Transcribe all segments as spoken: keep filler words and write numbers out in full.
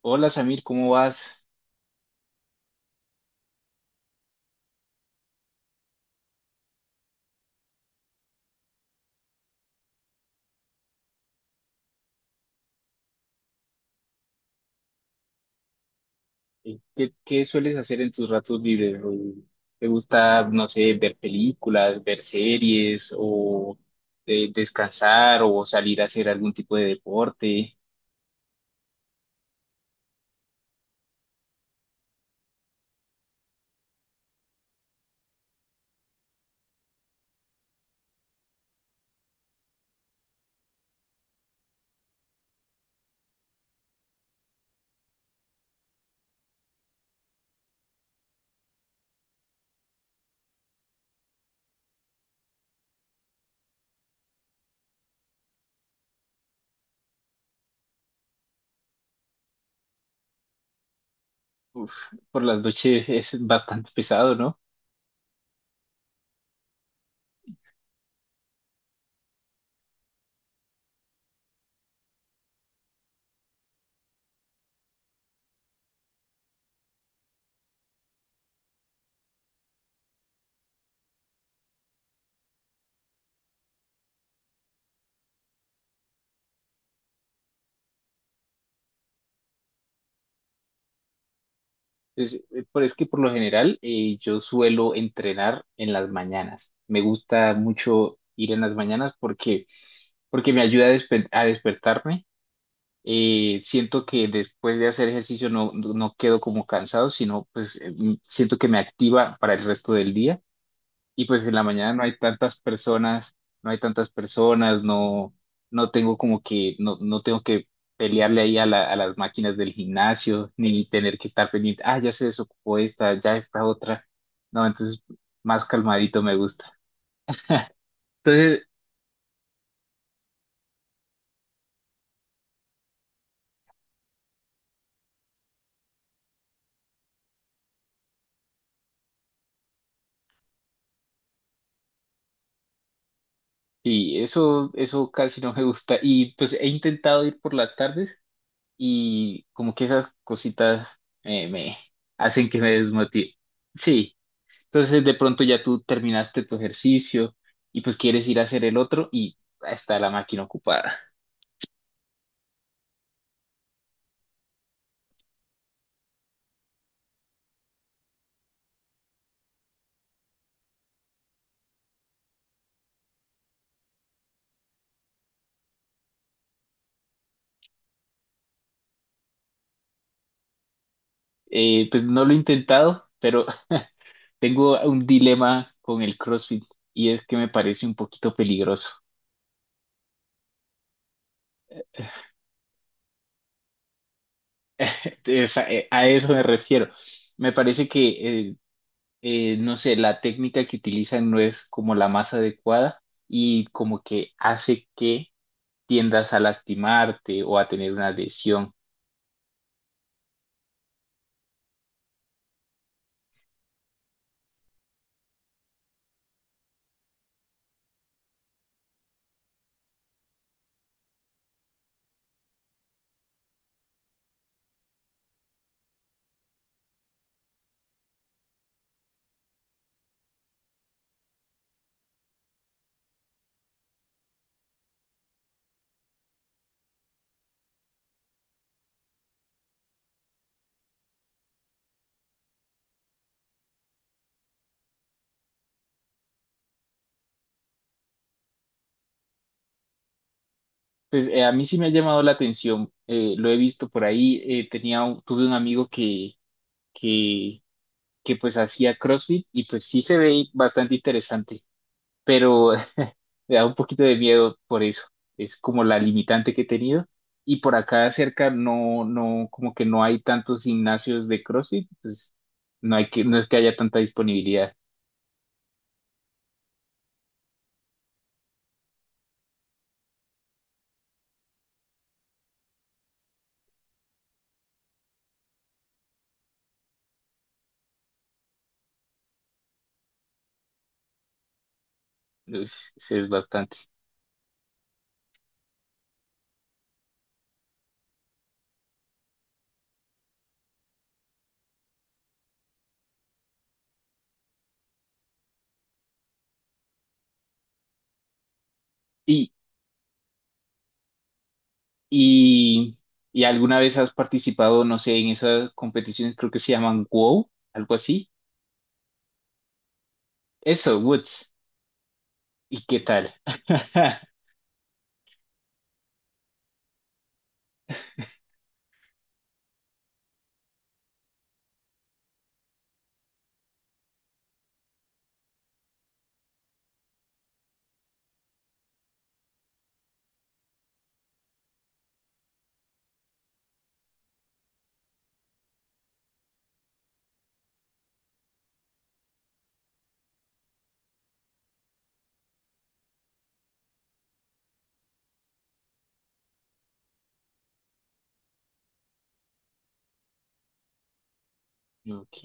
Hola Samir, ¿cómo vas? Eh, ¿Qué, qué sueles hacer en tus ratos libres? O, ¿te gusta, no sé, ver películas, ver series o eh, descansar o salir a hacer algún tipo de deporte? Uf, por las noches es bastante pesado, ¿no? Es, pero es que por lo general eh, yo suelo entrenar en las mañanas. Me gusta mucho ir en las mañanas porque, porque me ayuda a despe- a despertarme. Eh, siento que después de hacer ejercicio no, no no quedo como cansado, sino pues eh, siento que me activa para el resto del día y pues en la mañana no hay tantas personas, no hay tantas personas, no, no tengo como que, no, no tengo que pelearle ahí a la- a las máquinas del gimnasio, ni tener que estar pendiente, ah, ya se desocupó esta, ya esta otra, no, entonces más calmadito me gusta. Entonces, sí, eso, eso casi no me gusta, y pues he intentado ir por las tardes y como que esas cositas eh, me hacen que me desmotive. Sí. Entonces de pronto ya tú terminaste tu ejercicio y pues quieres ir a hacer el otro y está la máquina ocupada. Eh, pues no lo he intentado, pero tengo un dilema con el CrossFit y es que me parece un poquito peligroso. Es- a, eh, a eso me refiero. Me parece que, eh, eh, no sé, la técnica que utilizan no es como la más adecuada y como que hace que tiendas a lastimarte o a tener una lesión. Pues eh, a mí sí me ha llamado la atención, eh, lo he visto por ahí, eh, tenía un- tuve un amigo que, que, que pues hacía CrossFit y pues sí se ve bastante interesante, pero me da un poquito de miedo por eso, es como la limitante que he tenido y por acá cerca no, no, como que no hay tantos gimnasios de CrossFit, entonces no hay que, no es que haya tanta disponibilidad, es, es bastante. Y, y alguna vez has participado, no sé, en esas competiciones, creo que se llaman WOW, algo así. Eso, Woods. ¿Y qué tal? Ok.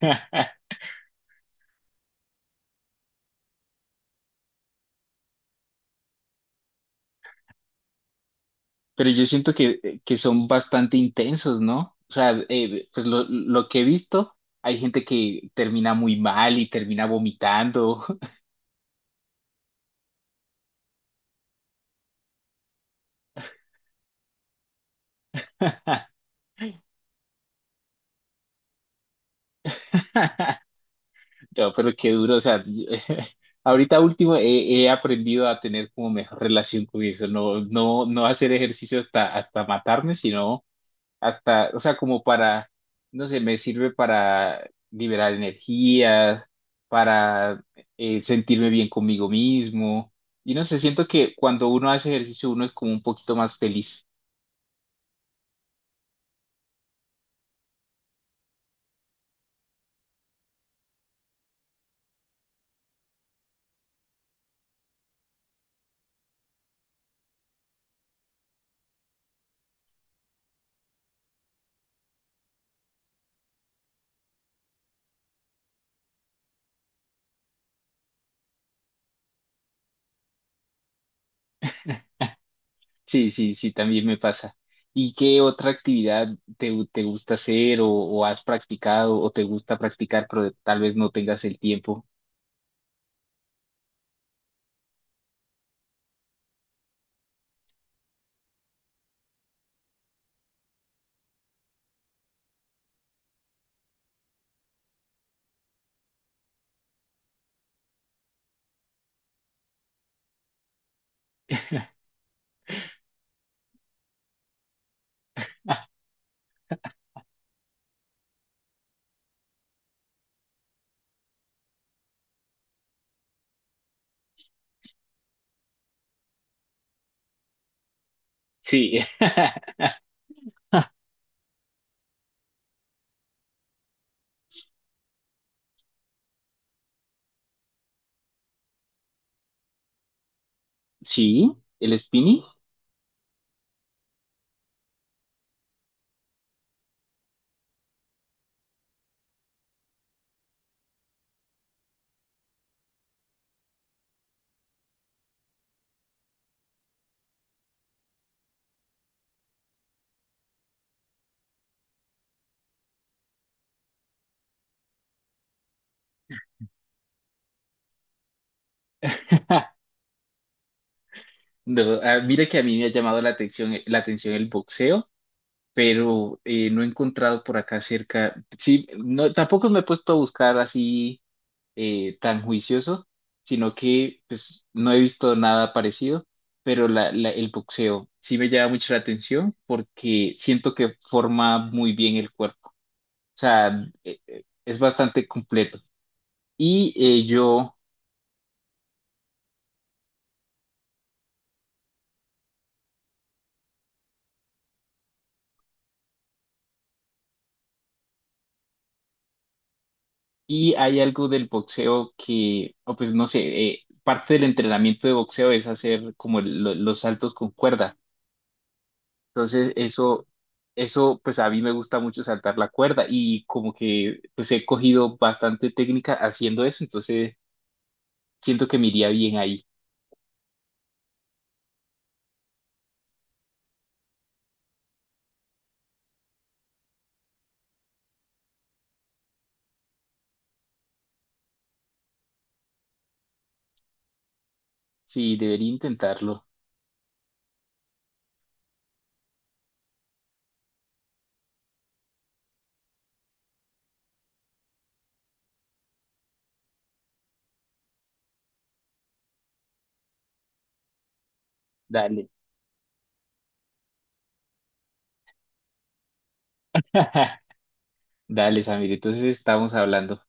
Pero yo siento que, eh, que son bastante intensos, ¿no? O sea, eh, pues lo, lo que he visto, hay gente que termina muy mal y termina vomitando. No, pero qué duro, o sea, ahorita último he, he aprendido a tener como mejor relación con eso, no, no, no hacer ejercicio hasta, hasta matarme, sino hasta, o sea, como para, no sé, me sirve para liberar energía, para eh, sentirme bien conmigo mismo, y no sé, siento que cuando uno hace ejercicio uno es como un poquito más feliz. Sí, sí, sí, también me pasa. ¿Y qué otra actividad te, gu- te gusta hacer o, o has practicado o te gusta practicar, pero tal vez no tengas el tiempo? Sí, sí, el spinning. No, ah, mira que a mí me ha llamado la atención, eh, la atención el boxeo, pero eh, no he encontrado por acá cerca. Sí, no, tampoco me he puesto a buscar así eh, tan juicioso, sino que pues no he visto nada parecido, pero la- la- el boxeo sí me llama mucho la atención porque siento que forma muy bien el cuerpo, o sea, eh, eh, es bastante completo. Y eh, yo, y hay algo del boxeo que, o pues no sé, eh, parte del entrenamiento de boxeo es hacer como el- lo- los saltos con cuerda. Entonces, eso, eso, pues a mí me gusta mucho saltar la cuerda y como que pues he cogido bastante técnica haciendo eso, entonces siento que me iría bien ahí. Sí, debería intentarlo. Dale. Dale, Samir, entonces estamos hablando.